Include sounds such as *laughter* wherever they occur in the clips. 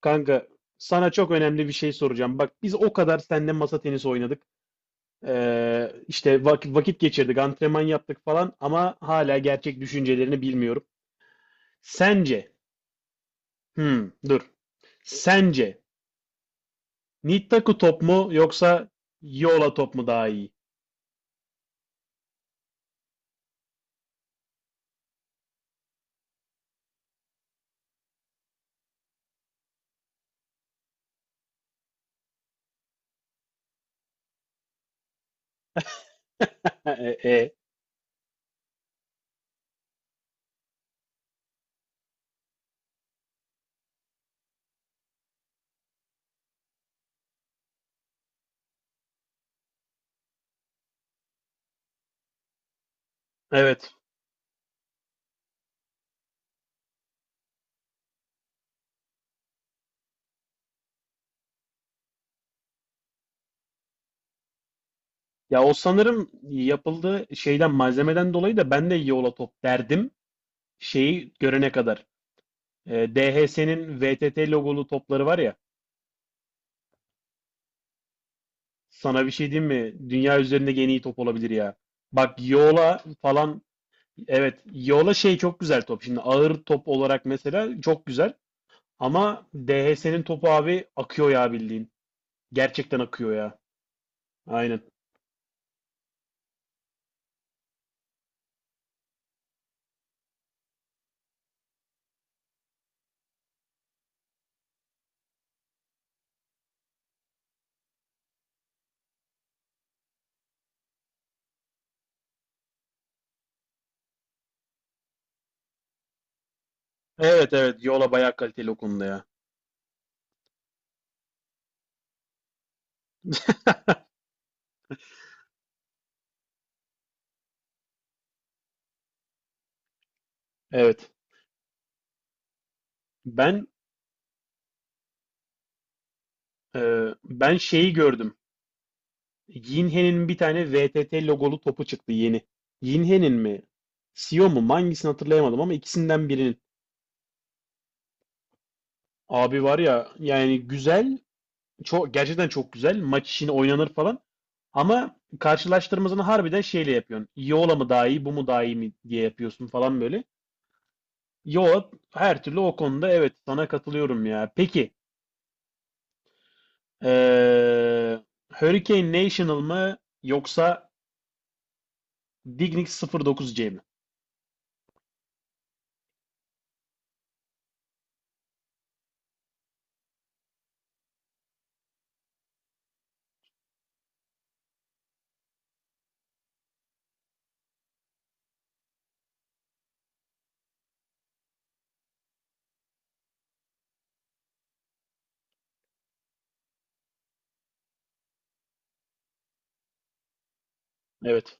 Kanka sana çok önemli bir şey soracağım. Bak biz o kadar seninle masa tenisi oynadık. İşte vakit geçirdik, antrenman yaptık falan ama hala gerçek düşüncelerini bilmiyorum. Sence, dur. Sence Nittaku top mu yoksa Yola top mu daha iyi? E, e, e. Evet. Ya o sanırım yapıldığı şeyden malzemeden dolayı da ben de Yola top derdim. Şeyi görene kadar. DHS'nin VTT logolu topları var ya. Sana bir şey diyeyim mi? Dünya üzerinde en iyi top olabilir ya. Bak Yola falan. Evet, Yola şey çok güzel top. Şimdi ağır top olarak mesela çok güzel. Ama DHS'nin topu abi akıyor ya bildiğin. Gerçekten akıyor ya. Aynen. Evet, evet, Yola bayağı kaliteli o konuda ya. *laughs* Evet. Ben e, ben şeyi gördüm. Yinhe'nin bir tane VTT logolu topu çıktı yeni. Yinhe'nin mi? Sio mu? Hangisini hatırlayamadım ama ikisinden birinin. Abi var ya, yani güzel, çok gerçekten çok güzel, maç işini oynanır falan ama karşılaştırmasını harbiden şeyle yapıyorsun. Yola mı daha iyi, bu mu daha iyi mi diye yapıyorsun falan böyle. Yola her türlü o konuda, evet, sana katılıyorum ya. Peki eee Hurricane National mı yoksa Dignics 09C mi? Evet.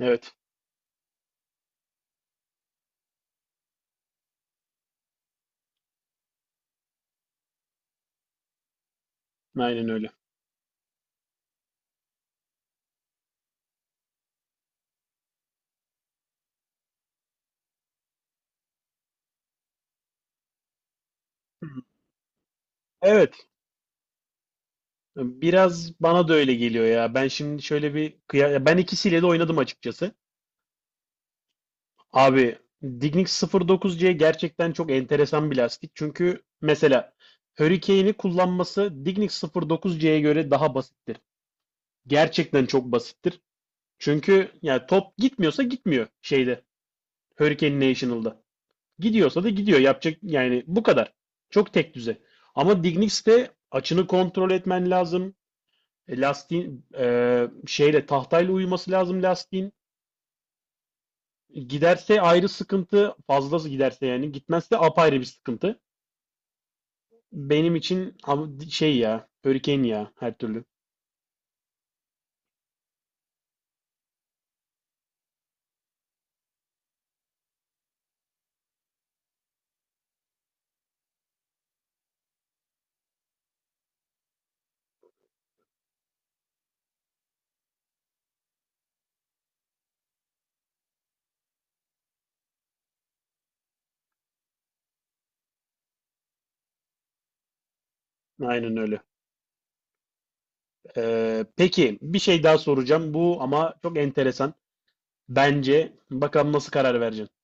Evet. Aynen öyle. Evet. Biraz bana da öyle geliyor ya. Ben şimdi şöyle bir kıya- Ya ben ikisiyle de oynadım açıkçası. Abi Dignics 09C gerçekten çok enteresan bir lastik. Çünkü mesela Hurricane'i kullanması Dignics 09C'ye göre daha basittir. Gerçekten çok basittir. Çünkü yani top gitmiyorsa gitmiyor şeyde, Hurricane National'da. Gidiyorsa da gidiyor. Yapacak yani bu kadar. Çok tek düze. Ama Dignics'te açını kontrol etmen lazım. Lastiğin şeyle tahtayla uyuması lazım lastiğin. Giderse ayrı sıkıntı, fazlası giderse yani. Gitmezse apayrı bir sıkıntı. Benim için şey ya, Hurricane ya her türlü. Aynen öyle. Peki bir şey daha soracağım. Bu ama çok enteresan. Bence bakalım nasıl karar vereceksin.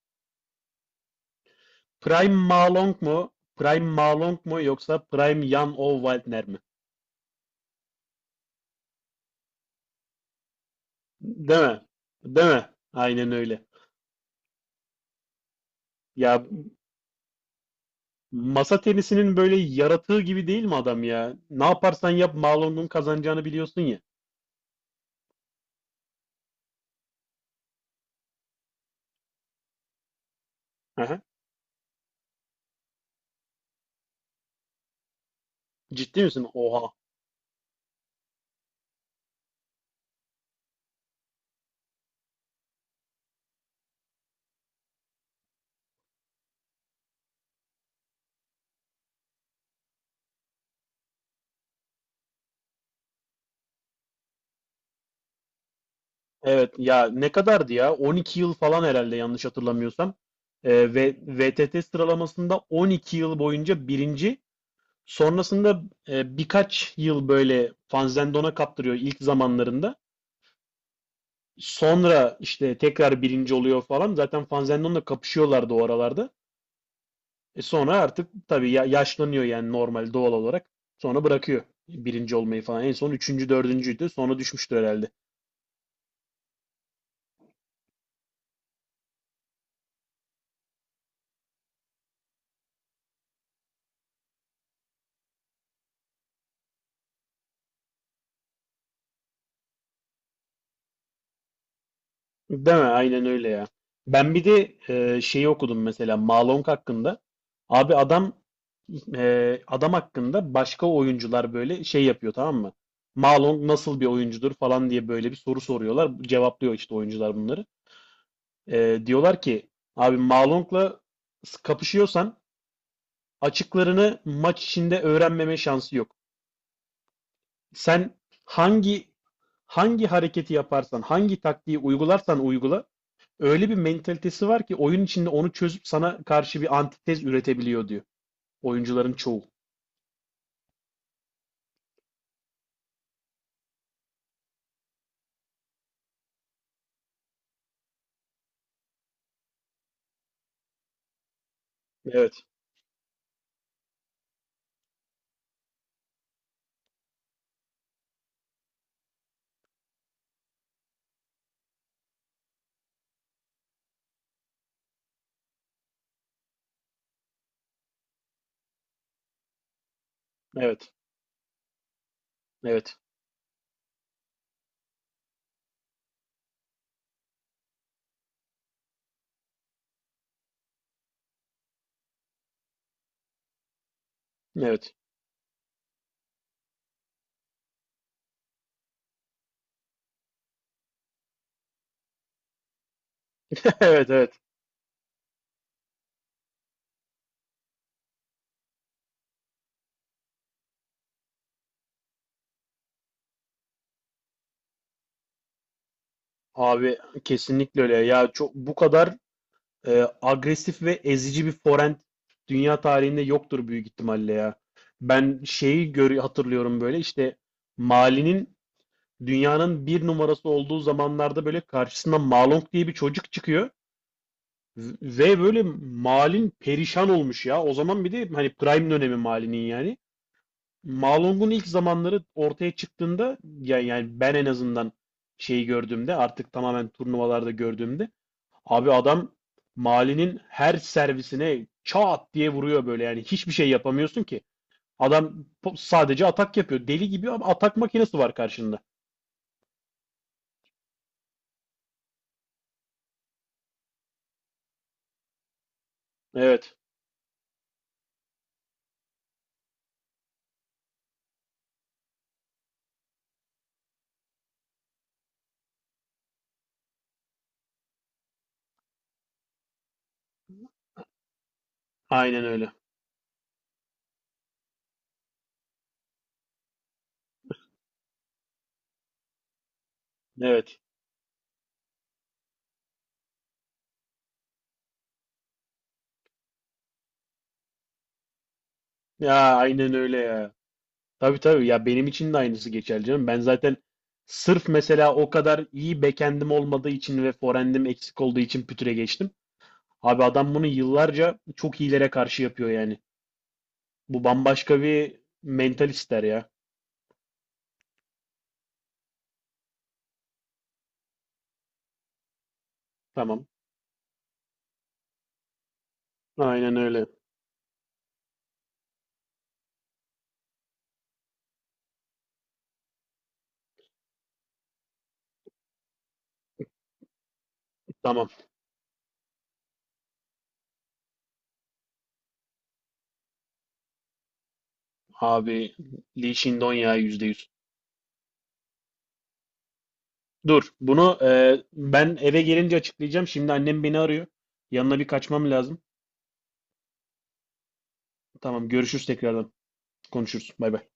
Prime Malong mu? Prime Malong mu yoksa Prime Jan Olwaltner mi? Değil mi? Değil mi? Aynen öyle. Ya masa tenisinin böyle yaratığı gibi değil mi adam ya? Ne yaparsan yap, Marlon'un kazanacağını biliyorsun ya. Aha. Ciddi misin? Oha. Evet ya, ne kadardı ya? 12 yıl falan herhalde, yanlış hatırlamıyorsam. Ve VTT sıralamasında 12 yıl boyunca birinci. Sonrasında birkaç yıl böyle Fanzendon'a kaptırıyor ilk zamanlarında. Sonra işte tekrar birinci oluyor falan. Zaten Fanzendon'la kapışıyorlardı o aralarda. Sonra artık tabii yaşlanıyor yani, normal, doğal olarak. Sonra bırakıyor birinci olmayı falan. En son üçüncü, dördüncüydü. Sonra düşmüştür herhalde. Değil mi? Aynen öyle ya. Ben bir de şeyi okudum mesela Malong hakkında. Abi adam hakkında başka oyuncular böyle şey yapıyor, tamam mı? Malong nasıl bir oyuncudur falan diye böyle bir soru soruyorlar. Cevaplıyor işte oyuncular bunları. Diyorlar ki, abi, Malong'la kapışıyorsan açıklarını maç içinde öğrenmeme şansı yok. Sen hangi hangi hareketi yaparsan, hangi taktiği uygularsan uygula, öyle bir mentalitesi var ki oyun içinde onu çözüp sana karşı bir antitez üretebiliyor, diyor oyuncuların çoğu. Evet, evet, evet, evet, *laughs* evet, evet. Abi, kesinlikle öyle. Ya çok, bu kadar agresif ve ezici bir forend dünya tarihinde yoktur büyük ihtimalle ya. Ben şeyi hatırlıyorum, böyle işte Mali'nin dünyanın bir numarası olduğu zamanlarda böyle karşısına Malong diye bir çocuk çıkıyor ve böyle Malin perişan olmuş ya. O zaman bir de hani prime dönemi Mali'nin yani. Malong'un ilk zamanları ortaya çıktığında yani, ben en azından şeyi gördüğümde, artık tamamen turnuvalarda gördüğümde, abi adam Mali'nin her servisine çat diye vuruyor böyle, yani hiçbir şey yapamıyorsun ki. Adam sadece atak yapıyor. Deli gibi, ama atak makinesi var karşında. Evet, aynen öyle. Evet. Ya aynen öyle ya. Tabii, tabii ya, benim için de aynısı geçerli canım. Ben zaten sırf mesela o kadar iyi backend'im olmadığı için ve forehand'im eksik olduğu için pütüre geçtim. Abi adam bunu yıllarca çok iyilere karşı yapıyor yani. Bu bambaşka bir mental ister ya. Tamam. Aynen öyle. Tamam abi, Lee Shindon ya, %100. Dur, bunu ben eve gelince açıklayacağım. Şimdi annem beni arıyor. Yanına bir kaçmam lazım. Tamam, görüşürüz tekrardan. Konuşuruz. Bay bay.